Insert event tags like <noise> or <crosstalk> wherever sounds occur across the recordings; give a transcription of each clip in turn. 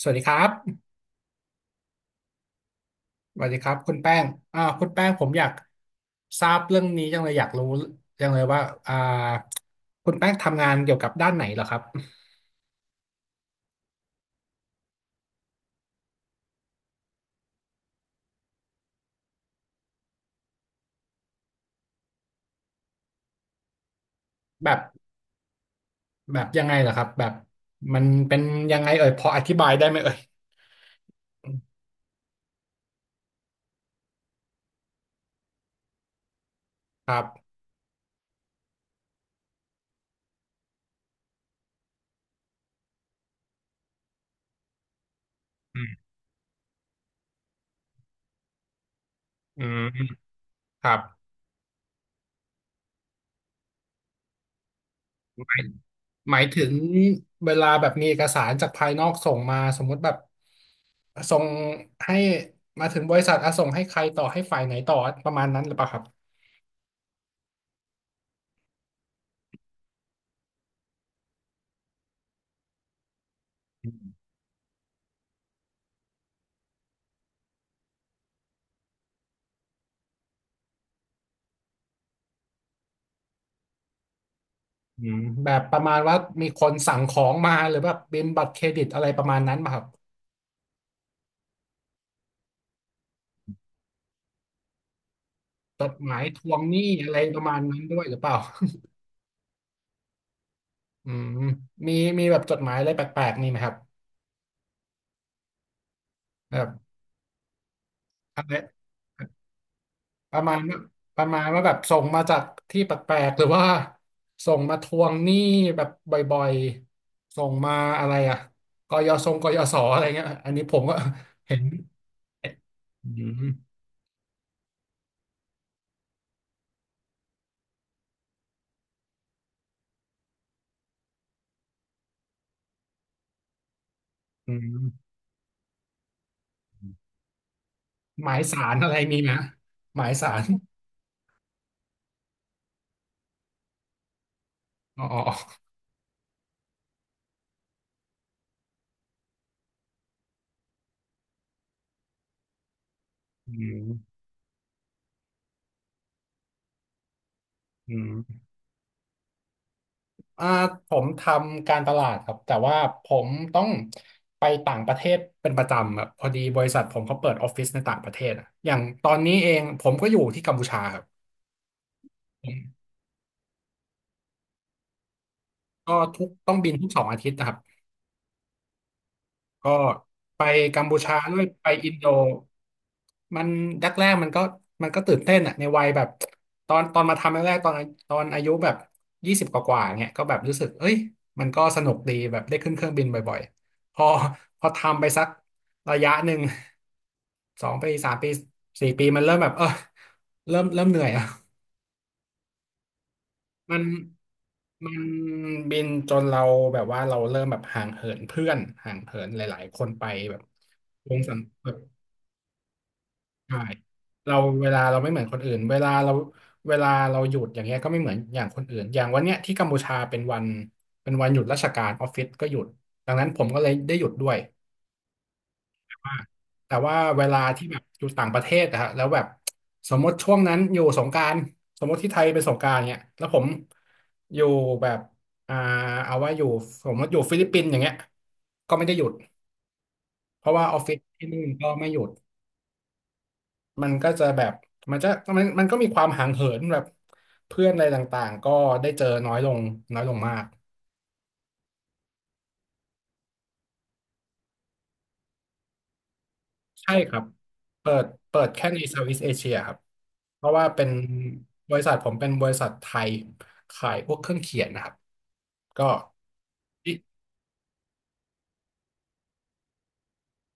สวัสดีครับสวัสดีครับคุณแป้งคุณแป้งผมอยากทราบเรื่องนี้จังเลยอยากรู้จังเลยว่าอ่าคุณแป้งทำงานเกี่ยวกับด้านไหนเหรอครับแบบยังไงเหรอครับแบบมันเป็นยังไงเอ่ยพออธิบายได้ไหมเอ่ยครับอืมอืมครับหมายหมายถึงเวลาแบบมีเอกสารจากภายนอกส่งมาสมมุติแบบส่งให้มาถึงบริษัทอ่ะส่งให้ใครต่อให้ฝ่ายไหนต่อประมาณนั้นหรือเปล่าครับ อืมแบบประมาณว่ามีคนสั่งของมาหรือแบบเป็นบัตรเครดิตอะไรประมาณนั้นป่ะครับจดหมายทวงหนี้อะไรประมาณนั้นด้วยหรือเปล่า <laughs> อืมมีมีแบบจดหมายอะไรแปลกๆมีไหมครับแบบอะไรประมาณว่าประมาณว่าแบบส่งมาจากที่แปลกๆหรือว่าส่งมาทวงหนี้แบบบ่อยๆส่งมาอะไรอะกยศอะไรเงี้ยอันนี้ผมก็ <laughs> เห็นอืมอืมหมายสารอะไรมีไหมหมายสาร อ๋ออืมอืมอ่าผมทำการตลาดครับ แต่ว่าผมต้องไปต่างประเทศเป็นประจำแบบพอดีบริษัทผมเขาเปิดออฟฟิศในต่างประเทศอะอย่างตอนนี้เองผมก็อยู่ที่กัมพูชาครับผมก็ทุกต้องบินทุกสองอาทิตย์นะครับ ก็ไปกัมพูชาด้วยไปอินโดมันแรกแรกมันก็ตื่นเต้นอะในวัยแบบตอนมาทำแรกๆตอนอายุแบบยี่สิบกว่าๆเนี่ยก็แบบรู้สึกเอ้ยมันก็สนุกดีแบบได้ขึ้นเครื่องบินบ่อยๆพอทำไปสักระยะหนึ่งสองปีสามปีสี่ปีมันเริ่มแบบเออเริ่มเหนื่อยอะ มันมันบินจนเราแบบว่าเราเริ่มแบบห่างเหินเพื่อนห่างเหินหลายๆคนไปแบบวงสังแบบใช่เราเวลาเราไม่เหมือนคนอื่นเวลาเราหยุดอย่างเงี้ยก็ไม่เหมือนอย่างคนอื่นอย่างวันเนี้ยที่กัมพูชาเป็นวันหยุดราชการออฟฟิศก็หยุดดังนั้นผมก็เลยได้หยุดด้วย แต่ว่าเวลาที่แบบอยู่ต่างประเทศอะฮะแล้วแบบสมมติช่วงนั้นอยู่สงกรานต์สมมติที่ไทยเป็นสงกรานต์เนี่ยแล้วผมอยู่แบบอ่าเอาว่าอยู่สมมติอยู่ฟิลิปปินส์อย่างเงี้ยก็ไม่ได้หยุดเพราะว่าออฟฟิศที่นู่นก็ไม่หยุดมันก็จะแบบมันจะมันก็มีความห่างเหินแบบเพื่อนอะไรต่างๆก็ได้เจอน้อยลงน้อยลงมาก ใช่ครับเปิดแค่ใน Southeast Asia ครับ เพราะว่าเป็นบริษัทผมเป็นบริษัทไทยขายพวกเครื่องเขียนนะครับ ก็อิ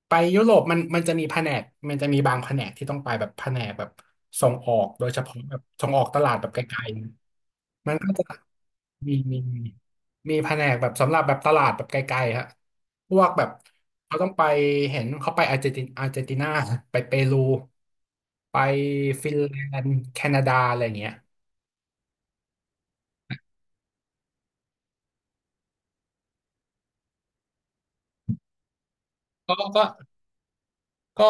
ไปยุโรปมันจะมีแผนก มันจะมีบางแผนกที่ต้องไปแบบแผนกแบบส่งออกโดยเฉพาะแบบส่งออกตลาดแบบไกลๆมันก็จะ มีมีมีมีแผนกแบบสำหรับแบบตลาดแบบไกลๆฮะพวกแบบเขาต้องไปเห็นเขาไปอาร์เจนตินาไปเปรูไปฟินแลนด์แคนาดาอะไรอย่างเงี้ยก็ก็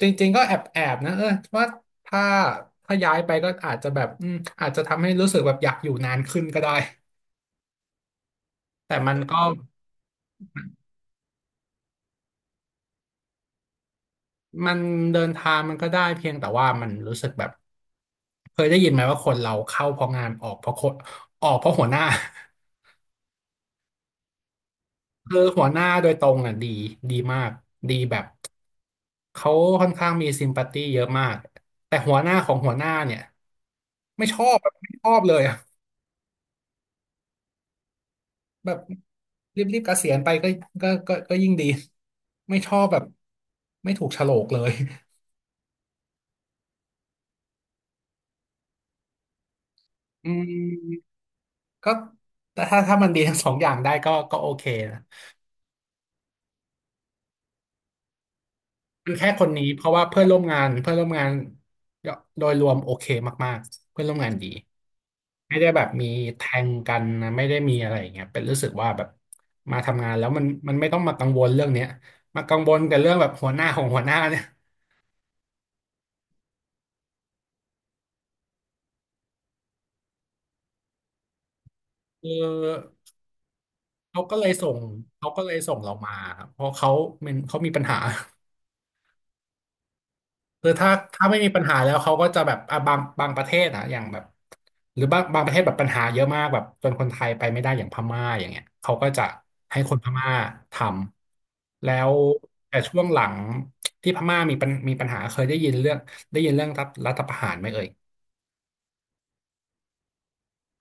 จริงๆก็แอบนะเออว่าถ้าถ้าย้ายไปก็อาจจะแบบอืมอาจจะทำให้รู้สึกแบบอยากอยู่นานขึ้นก็ได้แต่มันก็ มันเดินทางมันก็ได้เพียงแต่ว่ามันรู้สึกแบบเคยได้ยินไหมว่าคนเราเข้าเพราะงานออกเพราะคนออกเพราะหัวหน้า <laughs> คือหัวหน้าโดยตรงอ่ะดีมากดีแบบเขาค่อนข้างมีซิมพัตตี้เยอะมากแต่หัวหน้าของหัวหน้าเนี่ยไม่ชอบเลยอ่ะแบบรีบๆเกษียณไปก็ยิ่งดีไม่ชอบแบบไม่ถูกโฉลกเลยอืมก็แต่ถ้ามันดีทั้งสองอย่างได้ก็โอเคนะ คือแค่คนนี้เพราะว่าเพื่อนร่วมงานโดยรวมโอเคมากๆเพื่อนร่วมงานดีไม่ได้แบบมีแทงกันนะไม่ได้มีอะไรอย่างเงี้ยเป็นรู้สึกว่าแบบมาทำงานแล้วมันไม่ต้องมากังวลเรื่องเนี้ยมากังวลกับเรื่องแบบหัวหน้าของหัวหน้าเนี่ยคือเขาก็เลยส่งเขาก็เลยส่งเรามาครับเพราะเขามันเขามีปัญหา คือถ้าไม่มีปัญหาแล้วเขาก็จะแบบอ่ะบางประเทศอะอย่างแบบหรือบางประเทศแบบปัญหาเยอะมากแบบจนคนไทยไปไม่ได้อย่างพม่าอย่างเงี้ยเขาก็จะให้คนพม่าทำแล้วแต่ช่วงหลังที่พม่ามีปัญหาเคยได้ยินเรื่องได้ยินเรื่องรัฐประหารไหมเอ่ย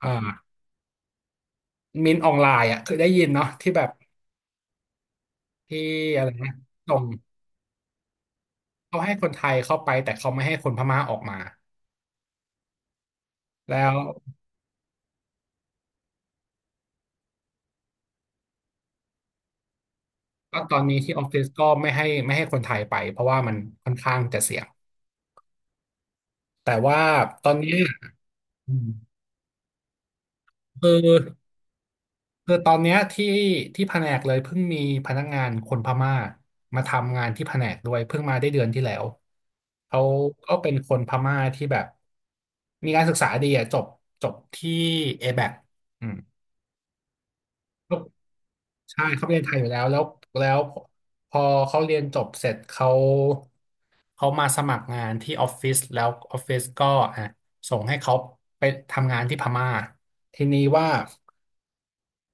อ่ามินออนไลน์อะเคยได้ยินเนาะที่แบบที่อะไรนะส่งเขาให้คนไทยเข้าไปแต่เขาไม่ให้คนพม่าออกมาแล้ว ก็ตอนนี้ที่ออฟฟิศก็ไม่ให้ไม่ให้คนไทยไปเพราะว่ามันค่อนข้างจะเสี่ยงแต่ว่าตอนนี้อืมคือคือตอนเนี้ยที่แผนกเลยเพิ่งมีพนักงานคนพม่ามาทำงานที่แผนกด้วยเพิ่งมาได้เดือนที่แล้วเขาก็เป็นคนพม่าที่แบบมีการศึกษาดีอะจบที่ ABAC อแบ็คอืม ใช่เขาไปเรียนไทยอยู่แล้วแล้วพอเขาเรียนจบเสร็จเขาเขามาสมัครงานที่ออฟฟิศแล้วออฟฟิศก็อ่ะส่งให้เขาไปทำงานที่พม่าทีนี้ว่า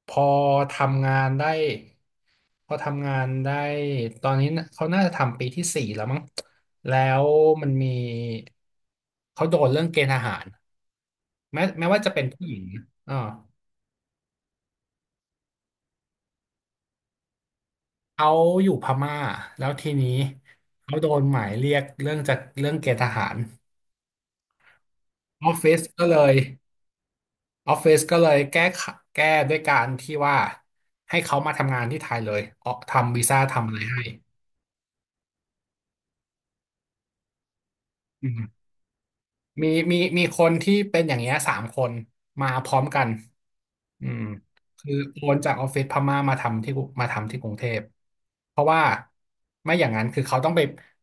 พอทำงานได้พอทำงานได้ตอนนี้น่ะเขาน่าจะทำปีที่สี่แล้วมั้งแล้วมันมีเขาโดนเรื่องเกณฑ์ทหารแม้ว่าจะเป็นผู้หญิงอ่า เขาอยู่พม่าแล้วทีนี้เขาโดนหมายเรียกเรื่องจากเรื่องเกณฑ์ทหารออฟฟิศก็เลยออฟฟิศก็เลยแก้ด้วยการที่ว่าให้เขามาทำงานที่ไทยเลยเอาทำวีซ่าทำอะไรให้อืมมีคนที่เป็นอย่างเงี้ยสามคนมาพร้อมกันอืมคือโอนจากออฟฟิศพม่ามาทำที่กรุงเทพเพราะว่าไม่อย่างนั้นคือเขาต้องไป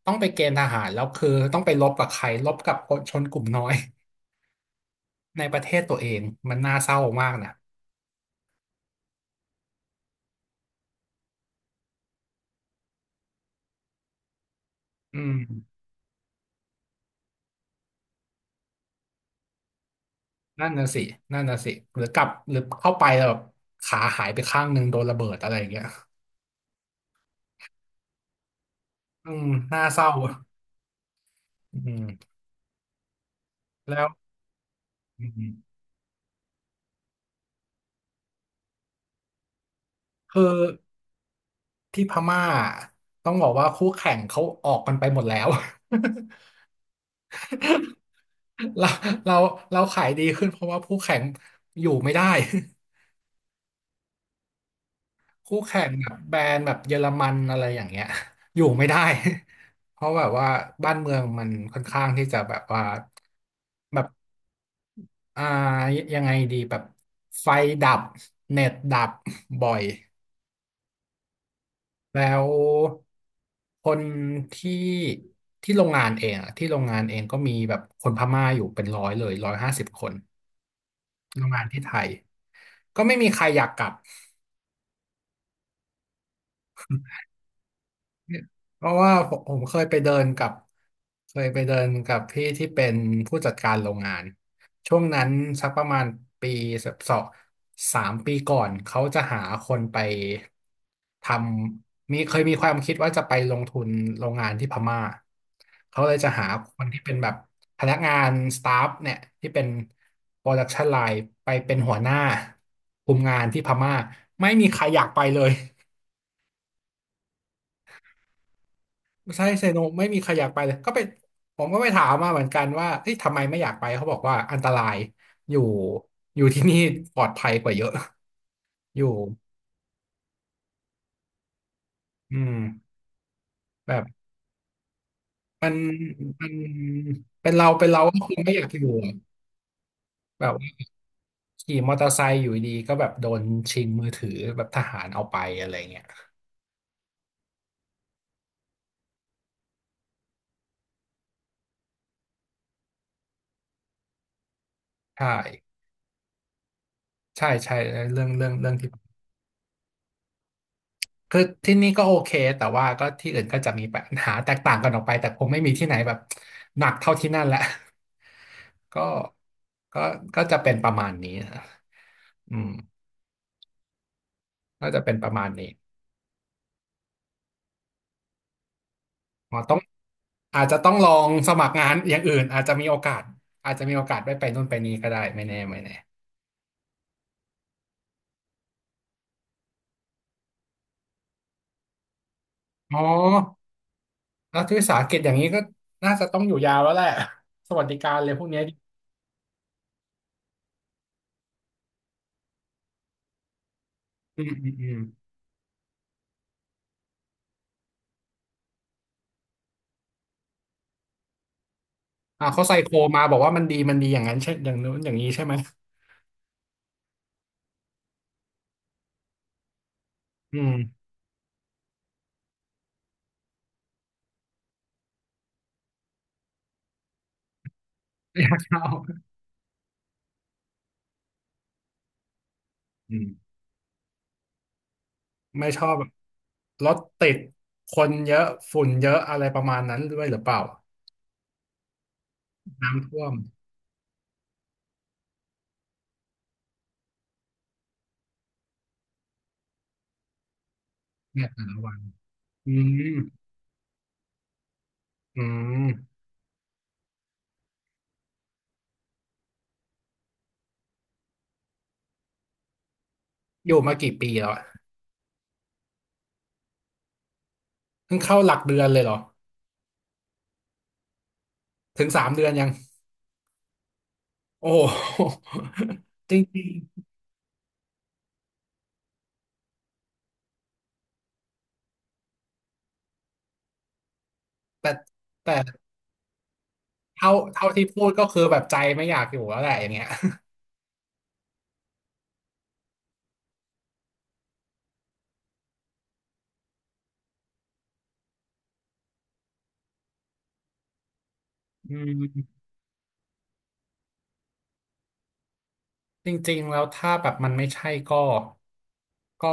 ต้องไปเกณฑ์ทหารแล้วคือต้องไปรบกับใครรบกับคนชนกลุ่มน้อย ในประเทศตัวเองมันน่าเศร้ามากนะอืมนั่นน่ะสินั่นน่ะสิหรือกลับหรือเข้าไปแล้วแบบขาหายไปข้างหนึ่งโดนระเบิดอะไรอย่างเงี้ยอืมน่าเศร้าอืมแล้วอืมคือที่พม่าต้องบอกว่าคู่แข่งเขาออกกันไปหมดแล้ว <laughs> เราเราเราขายดีขึ้นเพราะว่าคู่แข่งอยู่ไม่ได้ คู่แข่งแบบแบรนด์แบบเยอรมันอะไรอย่างเงี้ย <laughs> อยู่ไม่ได้ <laughs> เพราะแบบว่าบ้านเมืองมันค่อนข้างที่จะแบบว่าแบบอ่ายังไงดีแบบไฟดับเน็ตดับบ่อยแล้วคนที่ที่โรงงานเองอะที่โรงงานเองก็มีแบบคนพม่าอยู่เป็นร้อยเลยร้อยห้าสิบคนโรงงานที่ไทยก็ไม่มีใครอยากกลับ เพราะว่าผมเคยไปเดินกับเคยไปเดินกับพี่ที่เป็นผู้จัดการโรงงานช่วงนั้นสักประมาณปีสองสามปีก่อนเขาจะหาคนไปทมีเคยมีความคิดว่าจะไปลงทุนโรงงานที่พม่าเขาเลยจะหาคนที่เป็นแบบพนักงานสตาฟเนี่ยที่เป็นโปรดักชันไลน์ไปเป็นหัวหน้าคุมงานที่พม่าไม่มีใครอยากไปเลย ใช่เซโนไม่มีใครอยากไปเลยก็ไปผมก็ไปถามมาเหมือนกันว่าเฮ้ยทำไมไม่อยากไปเขาบอกว่าอันตรายอยู่อยู่ที่นี่ปลอดภัยกว่าเยอะ <laughs> อยู่อืมแบบมันมันเป็นเราเป็นเราก็คงไม่อยากอยู่อะแบบว่าขี่มอเตอร์ไซค์อยู่ดีก็แบบโดนชิงมือถือแบบทหารเอาไปอะไรเงี้ยใช่ใช่ใช่เรื่องที่คือที่นี่ก็โอเคแต่ว่าก็ที่อื่นก็จะมีปัญหาแตกต่างกันออกไปแต่คงไม่มีที่ไหนแบบหนักเท่าที่นั่นแหละ ก็ก็ก็จะเป็นประมาณนี้นะอืมมก็จะเป็นประมาณนี้อ๋อต้องอาจจะต้องลองสมัครงานอย่างอื่นอาจจะมีโอกาสอาจจะมีโอกาสได้ไปนู่นไปนี่ก็ได้ไม่แน่ไม่แน่อ๋อรัฐวิสาหกิจอย่างนี้ก็น่าจะต้องอยู่ยาวแล้วแหละสวัสดิการเลยพวกเนี้ยอืมอ่าเขาใส่โคมาบอกว่ามันดีมันดีอย่างนั้นใช่อย่างนู้นอย่างนี้ใช่ไหม อืม <laughs> อยากเข้าอืมไม่ชอบรถติดคนเยอะฝุ่นเยอะอะไรประมาณนั้นด้วยหรือเปล่า น้ำท่วมเนี่ยแต่ละวันอืมอืมอยู่มากี่ปีแล้วอะเพิ่งเข้าหลักเดือนเลยเหรอ ถึงสามเดือนยัง โอ้โห <laughs> จริงๆแต่เท่าที่พูดก็คือแบบใจไม่อยากอยู่แล้วแหละอย่างเงี้ยอืม จริงๆแล้วถ้าแบบมันไม่ใช่ก็ก็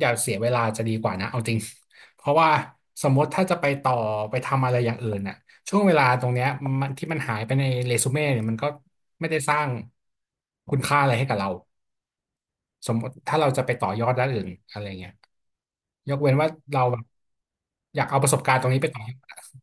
อย่าเสียเวลาจะดีกว่านะเอาจริง <laughs> เพราะว่าสมมติถ้าจะไปต่อไปทำอะไรอย่างอื่นน่ะช่วงเวลาตรงเนี้ยมันที่มันหายไปในเรซูเม่เนี่ยมันก็ไม่ได้สร้างคุณค่าอะไรให้กับเราสมมติถ้าเราจะไปต่อยอดด้านอื่นอะไรเงี้ยยกเว้นว่าเราแบบอยากเอาประสบการณ์ตรงนี้ไปต่อยอด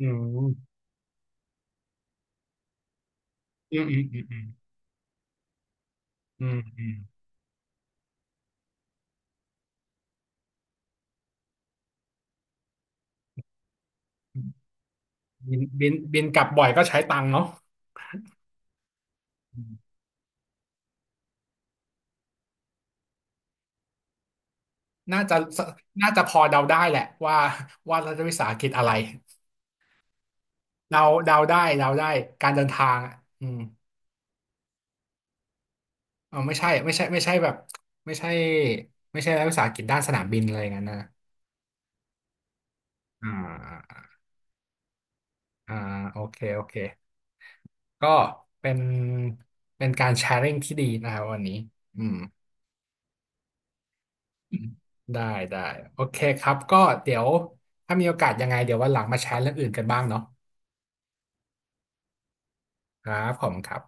อืมอืมอืมอืมอืมอืมอืมบินกลับบ่อยก็ใช้ตังค์เนาะ น่าจะพอเดาได้แหละว่ารัฐวิสาหกิจอะไรเราเดาได้เดาได้การเดินทางอ่ะอืมเอ๋อไม่ใช่ไม่ใช่ไม่ใช่แบบไม่ใช่ไม่ใช่รัฐวิสาหกิจด้านสนามบินอะไรอย่างนั้นนะอ่าอ่าโอเคโอเคก็เป็นเป็นการแชร์ริ่งที่ดีนะครับวันนี้อืมได้ได้โอเคครับก็เดี๋ยวถ้ามีโอกาสยังไงเดี๋ยววันหลังมาแชร์เรื่องอื่นกันบ้างเนาะครับผมคครับ